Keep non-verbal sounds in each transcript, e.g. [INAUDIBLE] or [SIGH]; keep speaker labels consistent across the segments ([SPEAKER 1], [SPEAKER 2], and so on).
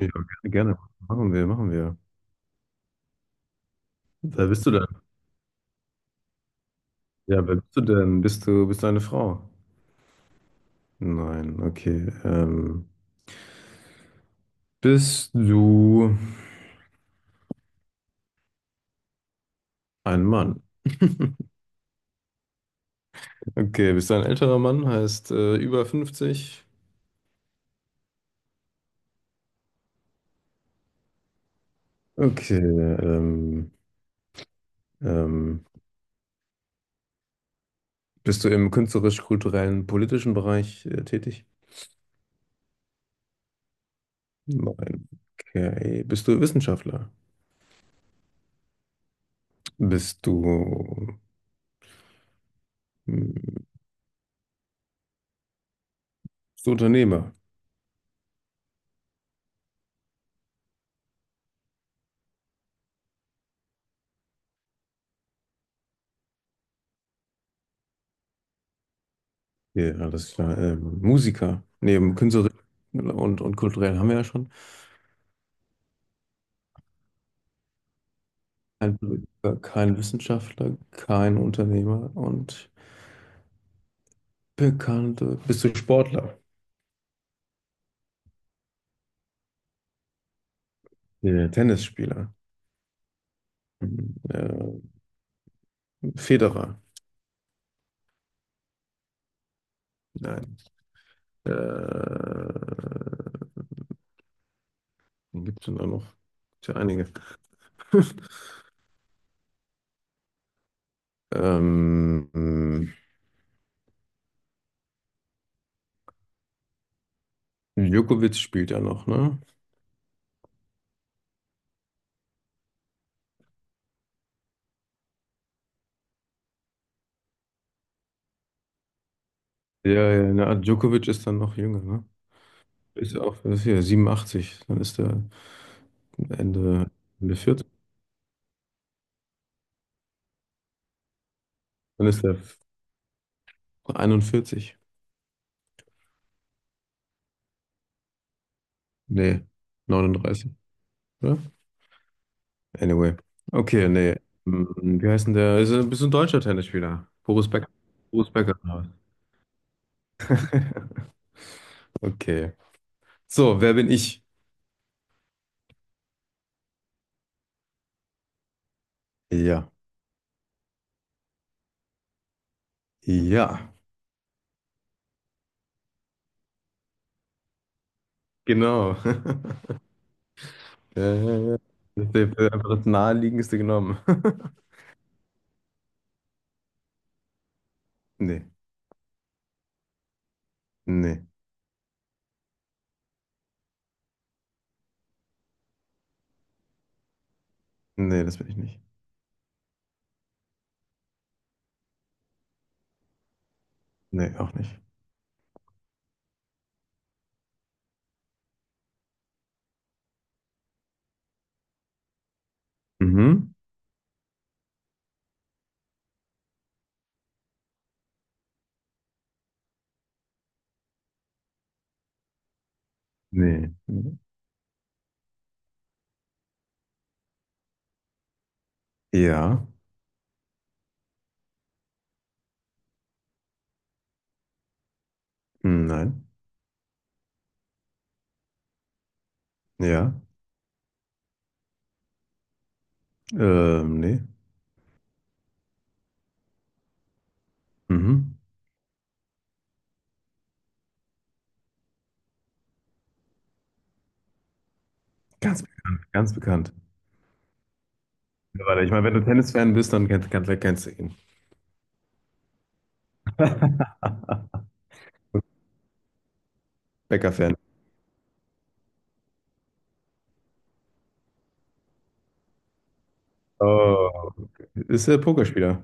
[SPEAKER 1] Ja, gerne, gerne. Machen wir, machen wir. Wer bist du denn? Ja, wer bist du denn? Bist du eine Frau? Nein, okay. Bist du ein Mann? Okay, bist du ein älterer Mann? Heißt über 50? Okay, ähm, bist du im künstlerisch-kulturellen, politischen Bereich tätig? Nein, okay. Bist du Wissenschaftler? Bist du, hm, bist du Unternehmer? Okay, alles klar. Musiker, neben Künstlerin und kulturell haben wir ja schon. Kein Politiker, kein Wissenschaftler, kein Unternehmer und bekannte. Bist du Sportler? Ja, Tennisspieler. Hm, Äh, Federer. Nein. Äh, Gibt es denn da noch? Gibt's ja einige. [LAUGHS] Ähm, ähm, Djokovic spielt ja noch, ne? Ja, ja, na, Djokovic ist dann noch jünger, ne? Ist ja auch, das ist hier 87, dann ist der Ende. Ende 40, dann ist der 41, nee, 39, oder? Anyway, okay, nee. Wie heißt denn der, ist ein bisschen deutscher Tennisspieler, Boris Becker, Boris Becker. [LAUGHS] Okay, so, wer bin ich? Ja, ja, genau, [LAUGHS] ja, ja, ja, das ist einfach das naheliegendste genommen. [LAUGHS] Nee, nee, nee, das bin ich nicht, nee, auch nicht. Mhm. Nee. Ja. Hm. Nein, ja, nee, mhm. Ganz bekannt, ganz bekannt. Ja, warte, ich meine, wenn du Tennis-Fan bist, dann kennst du ihn. [LAUGHS] Becker-Fan. Oh, okay. Ist der Pokerspieler.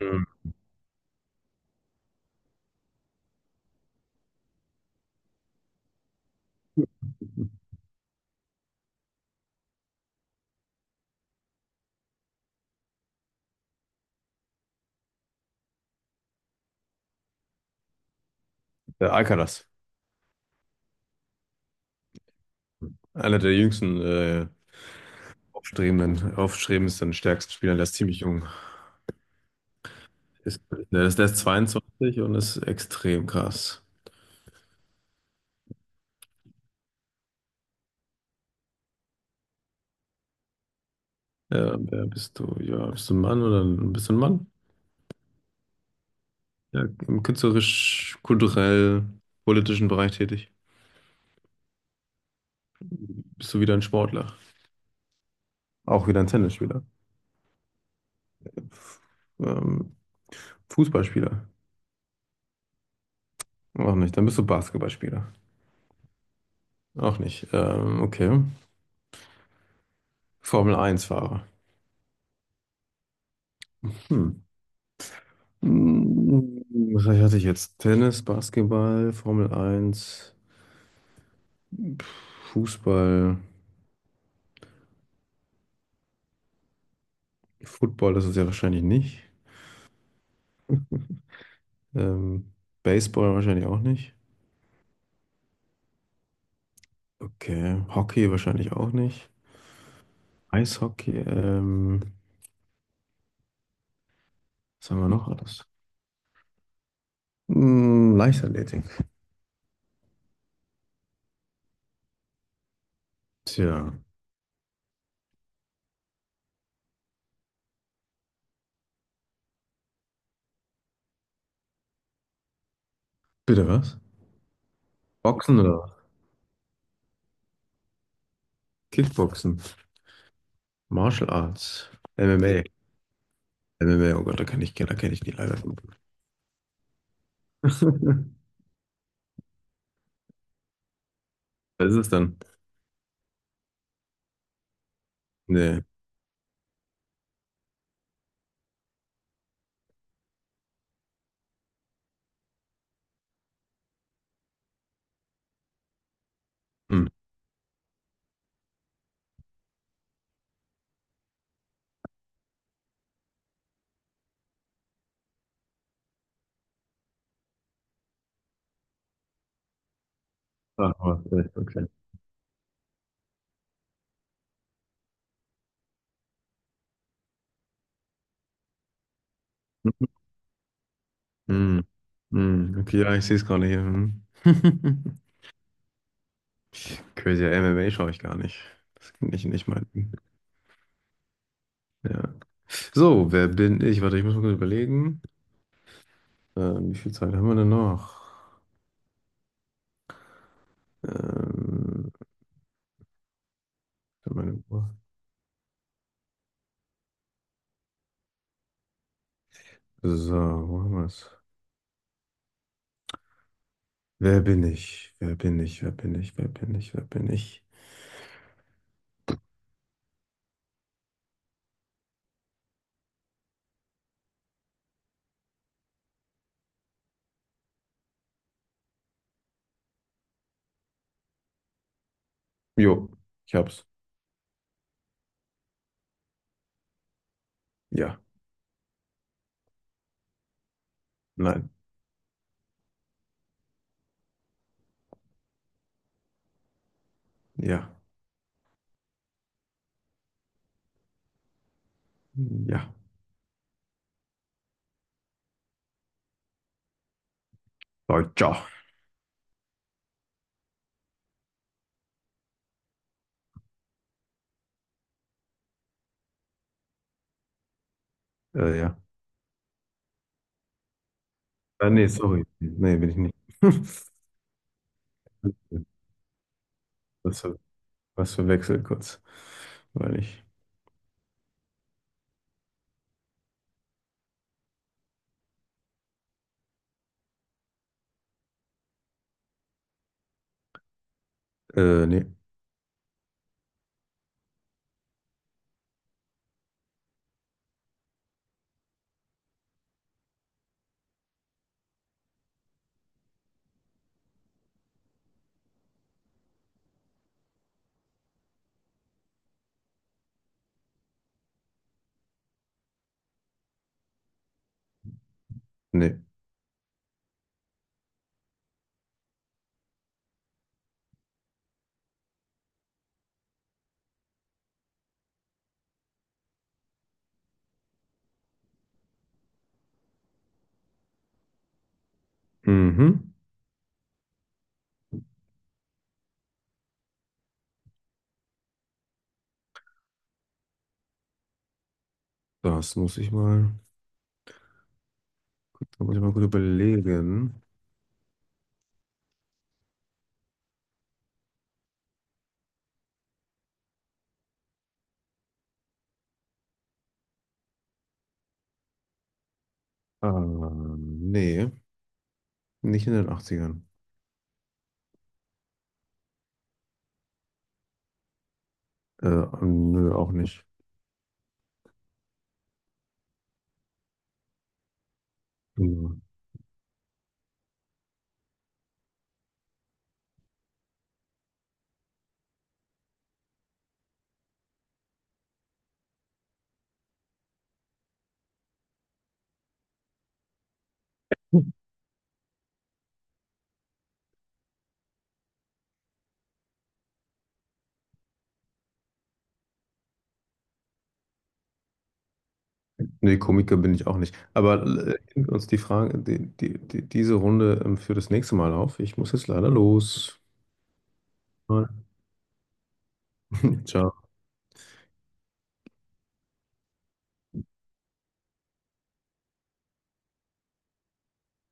[SPEAKER 1] Hm. Der Alcaraz. Einer der jüngsten, aufstrebenden, aufstrebendsten, stärksten Spieler. Der ist ziemlich jung. Ist, der ist 22 und ist extrem krass. Ja, wer bist du? Ja, bist du ein Mann oder bist du ein Mann? Ja, im künstlerisch, kulturell, politischen Bereich tätig. Bist du wieder ein Sportler? Auch wieder ein Tennisspieler. Ähm, Fußballspieler? Auch nicht. Dann bist du Basketballspieler. Auch nicht. Okay. Formel 1 Fahrer. Hm. Hm, Was hatte ich jetzt? Tennis, Basketball, Formel 1, Fußball, Football ist es ja wahrscheinlich nicht. [LAUGHS] Ähm, Baseball wahrscheinlich auch nicht. Okay. Hockey wahrscheinlich auch nicht. Eishockey, was haben wir noch alles? Hm, Leichtathletik. Tja, bitte was? Boxen oder was? Kickboxen, Martial Arts, MMA. MMA, oh Gott, da kann ich, da kenne ich die leider von. [LAUGHS] Was ist es dann? Nee. Hm. Ah, aber vielleicht, okay. Hm. Hm. Okay, ja, ich sehe es gerade hier. Hm. [LAUGHS] Crazy, MMA schaue ich gar nicht. Das ist nicht mein Ding. Ja. So, wer bin ich? Warte, ich muss mal kurz überlegen. Wie viel Zeit haben wir denn noch? Ähm, Für meine Uhr. So, wo haben wir es? Wer bin ich? Wer bin ich? Wer bin ich? Wer bin ich? Wer bin ich? Jo, ich hab's. Ja, nein, ja, ja. Deutscher. Ja. Ah, nee, sorry. Nee, bin ich nicht. [LAUGHS] Was, was verwechselt kurz. Weil ich. Nee, nee. Mhm. Das muss ich mal. Da muss ich mal gut überlegen. Ah, nee, nicht in den Achtzigern. Äh, Nö, auch nicht. Ja. Nee, Komiker bin ich auch nicht. Aber heben wir uns die Frage, diese Runde für das nächste Mal auf. Ich muss jetzt leider los. [LAUGHS] Ciao.